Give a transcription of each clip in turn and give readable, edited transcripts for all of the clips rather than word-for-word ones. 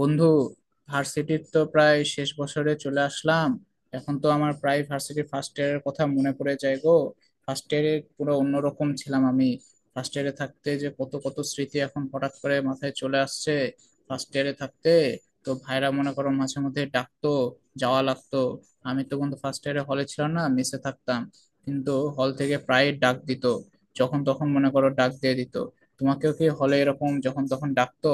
বন্ধু, ভার্সিটির তো প্রায় শেষ বছরে চলে আসলাম। এখন তো আমার প্রায় ভার্সিটির ফার্স্ট ইয়ারের কথা মনে পড়ে যায় গো। ফার্স্ট ইয়ারে পুরো অন্যরকম ছিলাম আমি। ফার্স্ট ইয়ারে থাকতে যে কত কত স্মৃতি এখন হঠাৎ করে মাথায় চলে আসছে। ফার্স্ট ইয়ারে থাকতে তো ভাইরা মনে করো মাঝে মধ্যে ডাকতো, যাওয়া লাগতো। আমি তো বন্ধু ফার্স্ট ইয়ারে হলে ছিলাম না, মেসে থাকতাম। কিন্তু হল থেকে প্রায় ডাক দিত, যখন তখন মনে করো ডাক দিয়ে দিত। তোমাকেও কি হলে এরকম যখন তখন ডাকতো?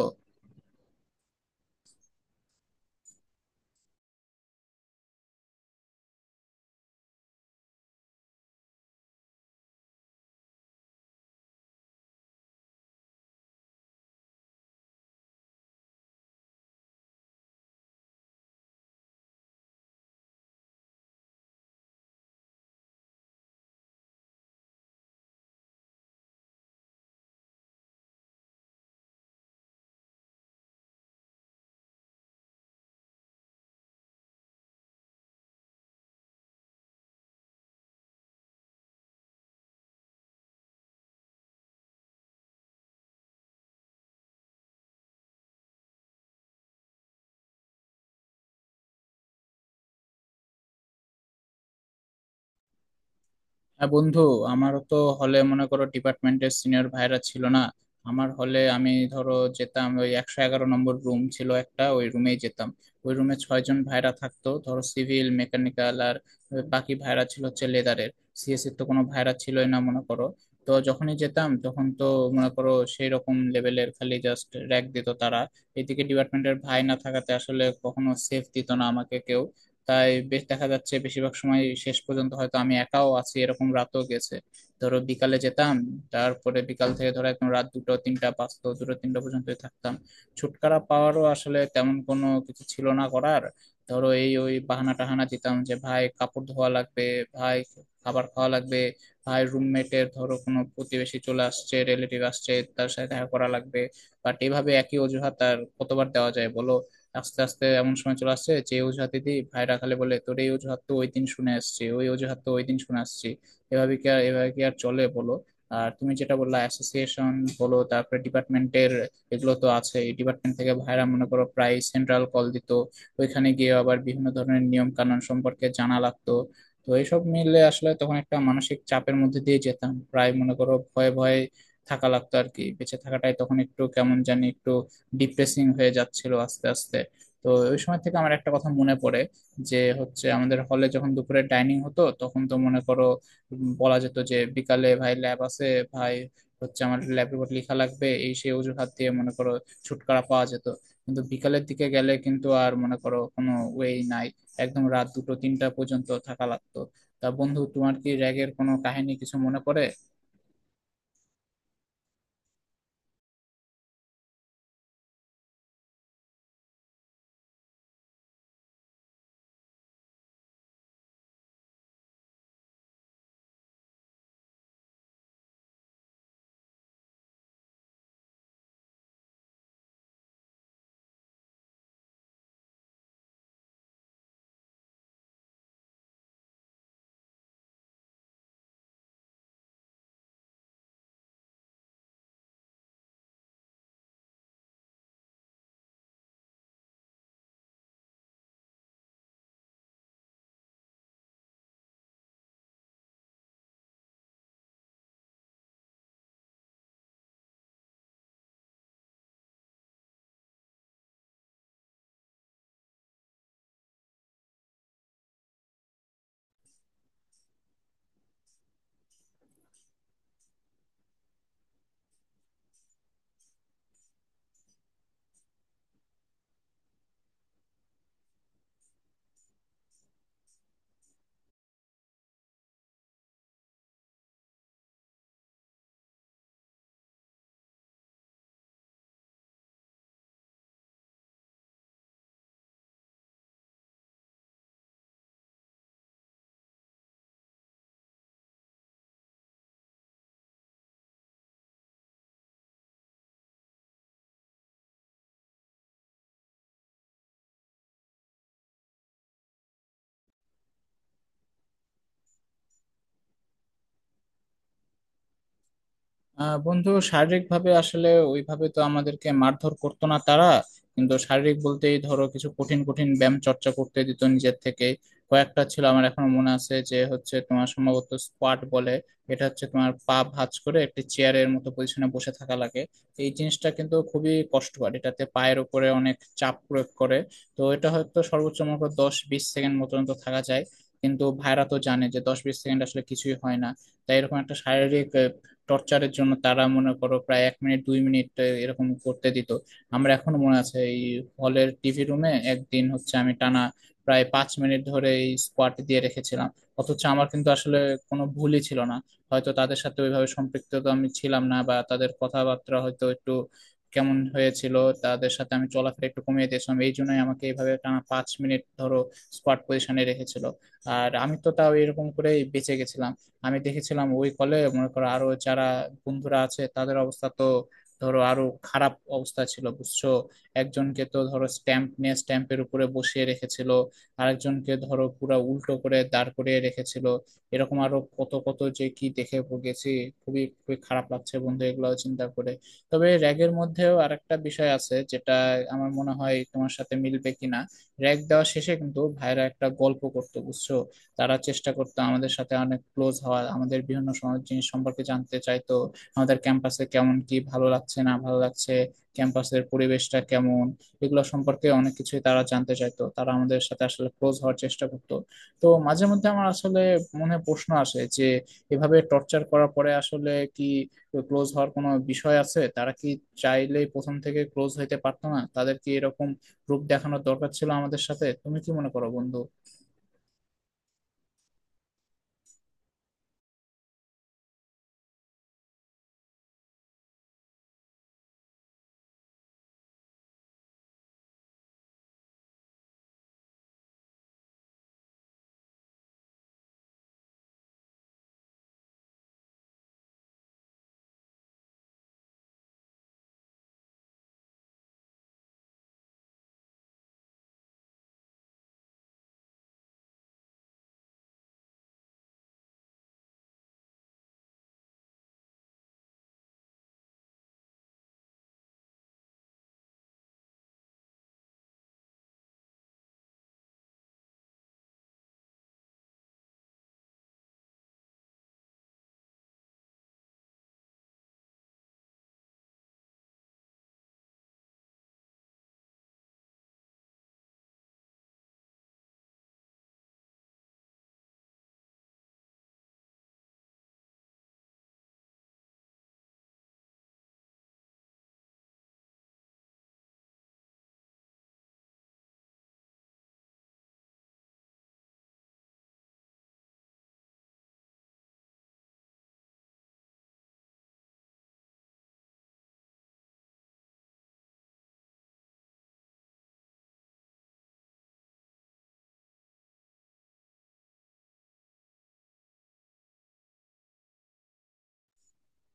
হ্যাঁ বন্ধু, আমারও তো হলে মনে করো ডিপার্টমেন্টের সিনিয়র ভাইরা ছিল না। আমার হলে আমি ধরো যেতাম ওই 111 নম্বর রুম ছিল একটা, ওই রুমেই যেতাম। ওই রুমে ছয়জন ভাইরা থাকতো, ধরো সিভিল মেকানিক্যাল আর ওই বাকি ভাইরা ছিল হচ্ছে লেদারের। সিএসসি তো কোনো ভাইরা ছিলই না মনে করো। তো যখনই যেতাম তখন তো মনে করো সেই রকম লেভেলের খালি জাস্ট র্যাগ দিত তারা। এদিকে ডিপার্টমেন্টের ভাই না থাকাতে আসলে কখনো সেফ দিত না আমাকে কেউ। তাই বেশ দেখা যাচ্ছে বেশিরভাগ সময় শেষ পর্যন্ত হয়তো আমি একাও আছি, এরকম রাতও গেছে। ধরো বিকালে যেতাম, তারপরে বিকাল থেকে ধরো একদম রাত দুটো তিনটা পাঁচটা দুটো তিনটা পর্যন্তই থাকতাম। ছুটকারা পাওয়ারও আসলে তেমন কোনো কিছু ছিল না করার। ধরো এই ওই বাহানা টাহানা দিতাম যে, ভাই কাপড় ধোয়া লাগবে, ভাই খাবার খাওয়া লাগবে, ভাই রুমমেটের ধরো কোনো প্রতিবেশী চলে আসছে, রিলেটিভ আসছে, তার সাথে দেখা করা লাগবে। বাট এইভাবে একই অজুহাত আর কতবার দেওয়া যায় বলো। আস্তে আস্তে এমন সময় চলে আসছে যে অজুহাত দিদি ভাইরা খালি বলে, তোর এই অজুহাত তো ওই দিন শুনে আসছি, ওই অজুহাত তো ওই দিন শুনে আসছি। এভাবে কি আর চলে বলো। আর তুমি যেটা বললা অ্যাসোসিয়েশন, বলো তারপরে ডিপার্টমেন্টের, এগুলো তো আছে। ডিপার্টমেন্ট থেকে ভাইরা মনে করো প্রায় সেন্ট্রাল কল দিত। ওইখানে গিয়ে আবার বিভিন্ন ধরনের নিয়ম কানুন সম্পর্কে জানা লাগতো। তো এইসব মিলে আসলে তখন একটা মানসিক চাপের মধ্যে দিয়ে যেতাম, প্রায় মনে করো ভয়ে ভয়ে থাকা লাগতো আর কি। বেঁচে থাকাটাই তখন একটু কেমন জানি একটু ডিপ্রেসিং হয়ে যাচ্ছিল আস্তে আস্তে। তো ওই সময় থেকে আমার একটা কথা মনে পড়ে, যে হচ্ছে আমাদের হলে যখন দুপুরে ডাইনিং হতো তখন তো মনে করো বলা যেত যে বিকালে ভাই ল্যাব আছে, ভাই হচ্ছে আমার ল্যাব রিপোর্ট লেখা লাগবে, এই সেই অজুহাত দিয়ে মনে করো ছুটকারা পাওয়া যেত। কিন্তু বিকালের দিকে গেলে কিন্তু আর মনে করো কোনো ওয়েই নাই। একদম রাত দুটো তিনটা পর্যন্ত থাকা লাগতো। তা বন্ধু, তোমার কি র্যাগের কোনো কাহিনী কিছু মনে পড়ে? বন্ধু, শারীরিক ভাবে আসলে ওইভাবে তো আমাদেরকে মারধর করতো না তারা। কিন্তু শারীরিক বলতেই ধরো কিছু কঠিন কঠিন ব্যায়াম চর্চা করতে দিত নিজের থেকে। কয়েকটা ছিল আমার এখনো মনে আছে, যে হচ্ছে তোমার সম্ভবত স্কোয়াট বলে। এটা হচ্ছে তোমার পা ভাঁজ করে একটি চেয়ারের মতো পজিশনে বসে থাকা লাগে। এই জিনিসটা কিন্তু খুবই কষ্টকর, এটাতে পায়ের উপরে অনেক চাপ প্রয়োগ করে। তো এটা হয়তো সর্বোচ্চ মনে করো 10-20 সেকেন্ড মতো তো থাকা যায়। কিন্তু ভাইরা তো জানে যে 10-20 সেকেন্ড আসলে কিছুই হয় না। তাই এরকম একটা শারীরিক টর্চারের জন্য তারা মনে করো প্রায় 1 মিনিট 2 মিনিট এরকম করতে দিত। আমরা এখনো মনে আছে এই হলের টিভি রুমে একদিন হচ্ছে আমি টানা প্রায় 5 মিনিট ধরে এই স্কোয়াড দিয়ে রেখেছিলাম। অথচ আমার কিন্তু আসলে কোনো ভুলই ছিল না। হয়তো তাদের সাথে ওইভাবে সম্পৃক্ত তো আমি ছিলাম না, বা তাদের কথাবার্তা হয়তো একটু কেমন হয়েছিল, তাদের সাথে আমি চলাফেরা একটু কমিয়ে দিয়েছিলাম, এই জন্যই আমাকে এইভাবে টানা 5 মিনিট ধরো স্কোয়াড পজিশনে রেখেছিল। আর আমি তো তাও এরকম করে বেঁচে গেছিলাম। আমি দেখেছিলাম ওই কলে মনে করো আরো যারা বন্ধুরা আছে তাদের অবস্থা তো ধরো আরো খারাপ অবস্থা ছিল বুঝছো। একজনকে তো ধরো স্ট্যাম্প নিয়ে স্ট্যাম্পের উপরে বসিয়ে রেখেছিল, আরেকজনকে ধরো পুরা উল্টো করে দাঁড় করিয়ে রেখেছিল। এরকম আরো কত কত যে কি দেখে গেছি। খুবই খুবই খারাপ লাগছে বন্ধু এগুলো চিন্তা করে। তবে র্যাগের মধ্যেও আরেকটা বিষয় আছে, যেটা আমার মনে হয় তোমার সাথে মিলবে কিনা। র্যাগ দেওয়া শেষে কিন্তু ভাইরা একটা গল্প করতো বুঝছো। তারা চেষ্টা করতো আমাদের সাথে অনেক ক্লোজ হওয়ার, আমাদের বিভিন্ন সমাজ জিনিস সম্পর্কে জানতে চাইতো। আমাদের ক্যাম্পাসে কেমন, কি ভালো লাগছে না ভালো লাগছে, ক্যাম্পাসের পরিবেশটা কেমন, এগুলো সম্পর্কে অনেক কিছুই তারা জানতে চাইতো। তারা আমাদের সাথে আসলে ক্লোজ হওয়ার চেষ্টা করতো। তো মাঝে মধ্যে আমার আসলে মনে প্রশ্ন আসে যে, এভাবে টর্চার করার পরে আসলে কি ক্লোজ হওয়ার কোনো বিষয় আছে? তারা কি চাইলেই প্রথম থেকে ক্লোজ হইতে পারতো না? তাদের কি এরকম রূপ দেখানোর দরকার ছিল আমাদের সাথে? তুমি কি মনে করো বন্ধু?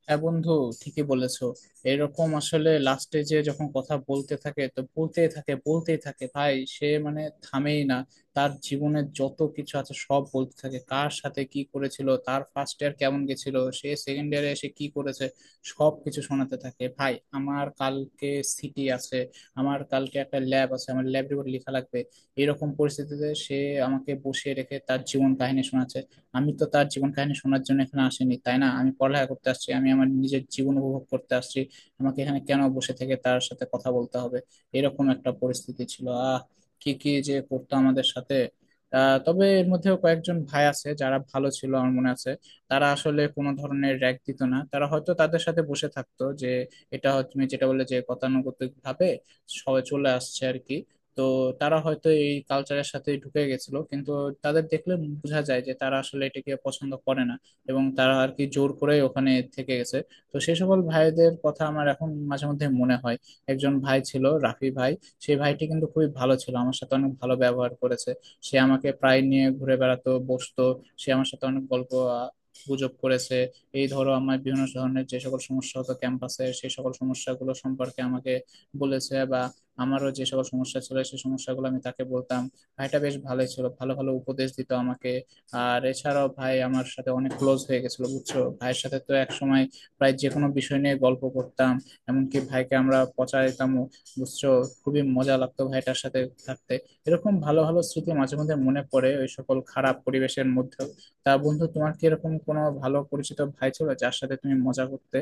হ্যাঁ বন্ধু, ঠিকই বলেছো। এরকম আসলে লাস্টে যে যখন কথা বলতে থাকে তো বলতেই থাকে বলতেই থাকে, ভাই সে মানে থামেই না। তার জীবনের যত কিছু আছে সব বলতে থাকে, কার সাথে কি করেছিল, তার ফার্স্ট ইয়ার কেমন গেছিল, সে সেকেন্ড ইয়ারে এসে কি করেছে, সব কিছু শোনাতে থাকে। ভাই আমার কালকে সিটি আছে, আমার কালকে একটা ল্যাব আছে, আমার ল্যাব রিপোর্ট লেখা লাগবে, এরকম পরিস্থিতিতে সে আমাকে বসিয়ে রেখে তার জীবন কাহিনী শোনাচ্ছে। আমি তো তার জীবন কাহিনী শোনার জন্য এখানে আসিনি, তাই না? আমি পড়ালেখা করতে আসছি, আমি আমার নিজের জীবন উপভোগ করতে আসছি। আমাকে এখানে কেন বসে থেকে তার সাথে কথা বলতে হবে? এরকম একটা পরিস্থিতি ছিল। কি কি যে করতো আমাদের সাথে। তবে এর মধ্যেও কয়েকজন ভাই আছে যারা ভালো ছিল আমার মনে আছে। তারা আসলে কোনো ধরনের র্যাগ দিত না। তারা হয়তো তাদের সাথে বসে থাকতো যে, এটা হয়তো তুমি যেটা বললে যে গতানুগতিক ভাবে সবাই চলে আসছে আর কি। তো তারা হয়তো এই কালচারের সাথে ঢুকে গেছিল, কিন্তু তাদের দেখলে বোঝা যায় যে তারা আসলে এটাকে পছন্দ করে না, এবং তারা আর কি জোর করে ওখানে থেকে গেছে। তো সেই সকল ভাইদের কথা আমার এখন মাঝে মধ্যে মনে হয়। একজন ভাই ছিল রাফি ভাই। সেই ভাইটি কিন্তু খুবই ভালো ছিল, আমার সাথে অনেক ভালো ব্যবহার করেছে। সে আমাকে প্রায় নিয়ে ঘুরে বেড়াতো, বসতো, সে আমার সাথে অনেক গল্প আহ, গুজব করেছে। এই ধরো আমার বিভিন্ন ধরনের যে সকল সমস্যা হতো ক্যাম্পাসে সেই সকল সমস্যাগুলো সম্পর্কে আমাকে বলেছে, বা আমারও যে সকল সমস্যা ছিল সেই সমস্যাগুলো আমি তাকে বলতাম। ভাইটা বেশ ভালোই ছিল, ভালো ভালো উপদেশ দিত আমাকে। আর এছাড়াও ভাই আমার সাথে অনেক ক্লোজ হয়ে গেছিল বুঝছো, ভাইয়ের সাথে তো এক সময় প্রায় যে কোনো বিষয় নিয়ে গল্প করতাম। এমনকি ভাইকে আমরা পচা দিতামও বুঝছো। খুবই মজা লাগতো ভাইটার সাথে থাকতে। এরকম ভালো ভালো স্মৃতি মাঝে মধ্যে মনে পড়ে ওই সকল খারাপ পরিবেশের মধ্যেও। তা বন্ধু, তোমার কি এরকম কোনো ভালো পরিচিত ভাই ছিল যার সাথে তুমি মজা করতে?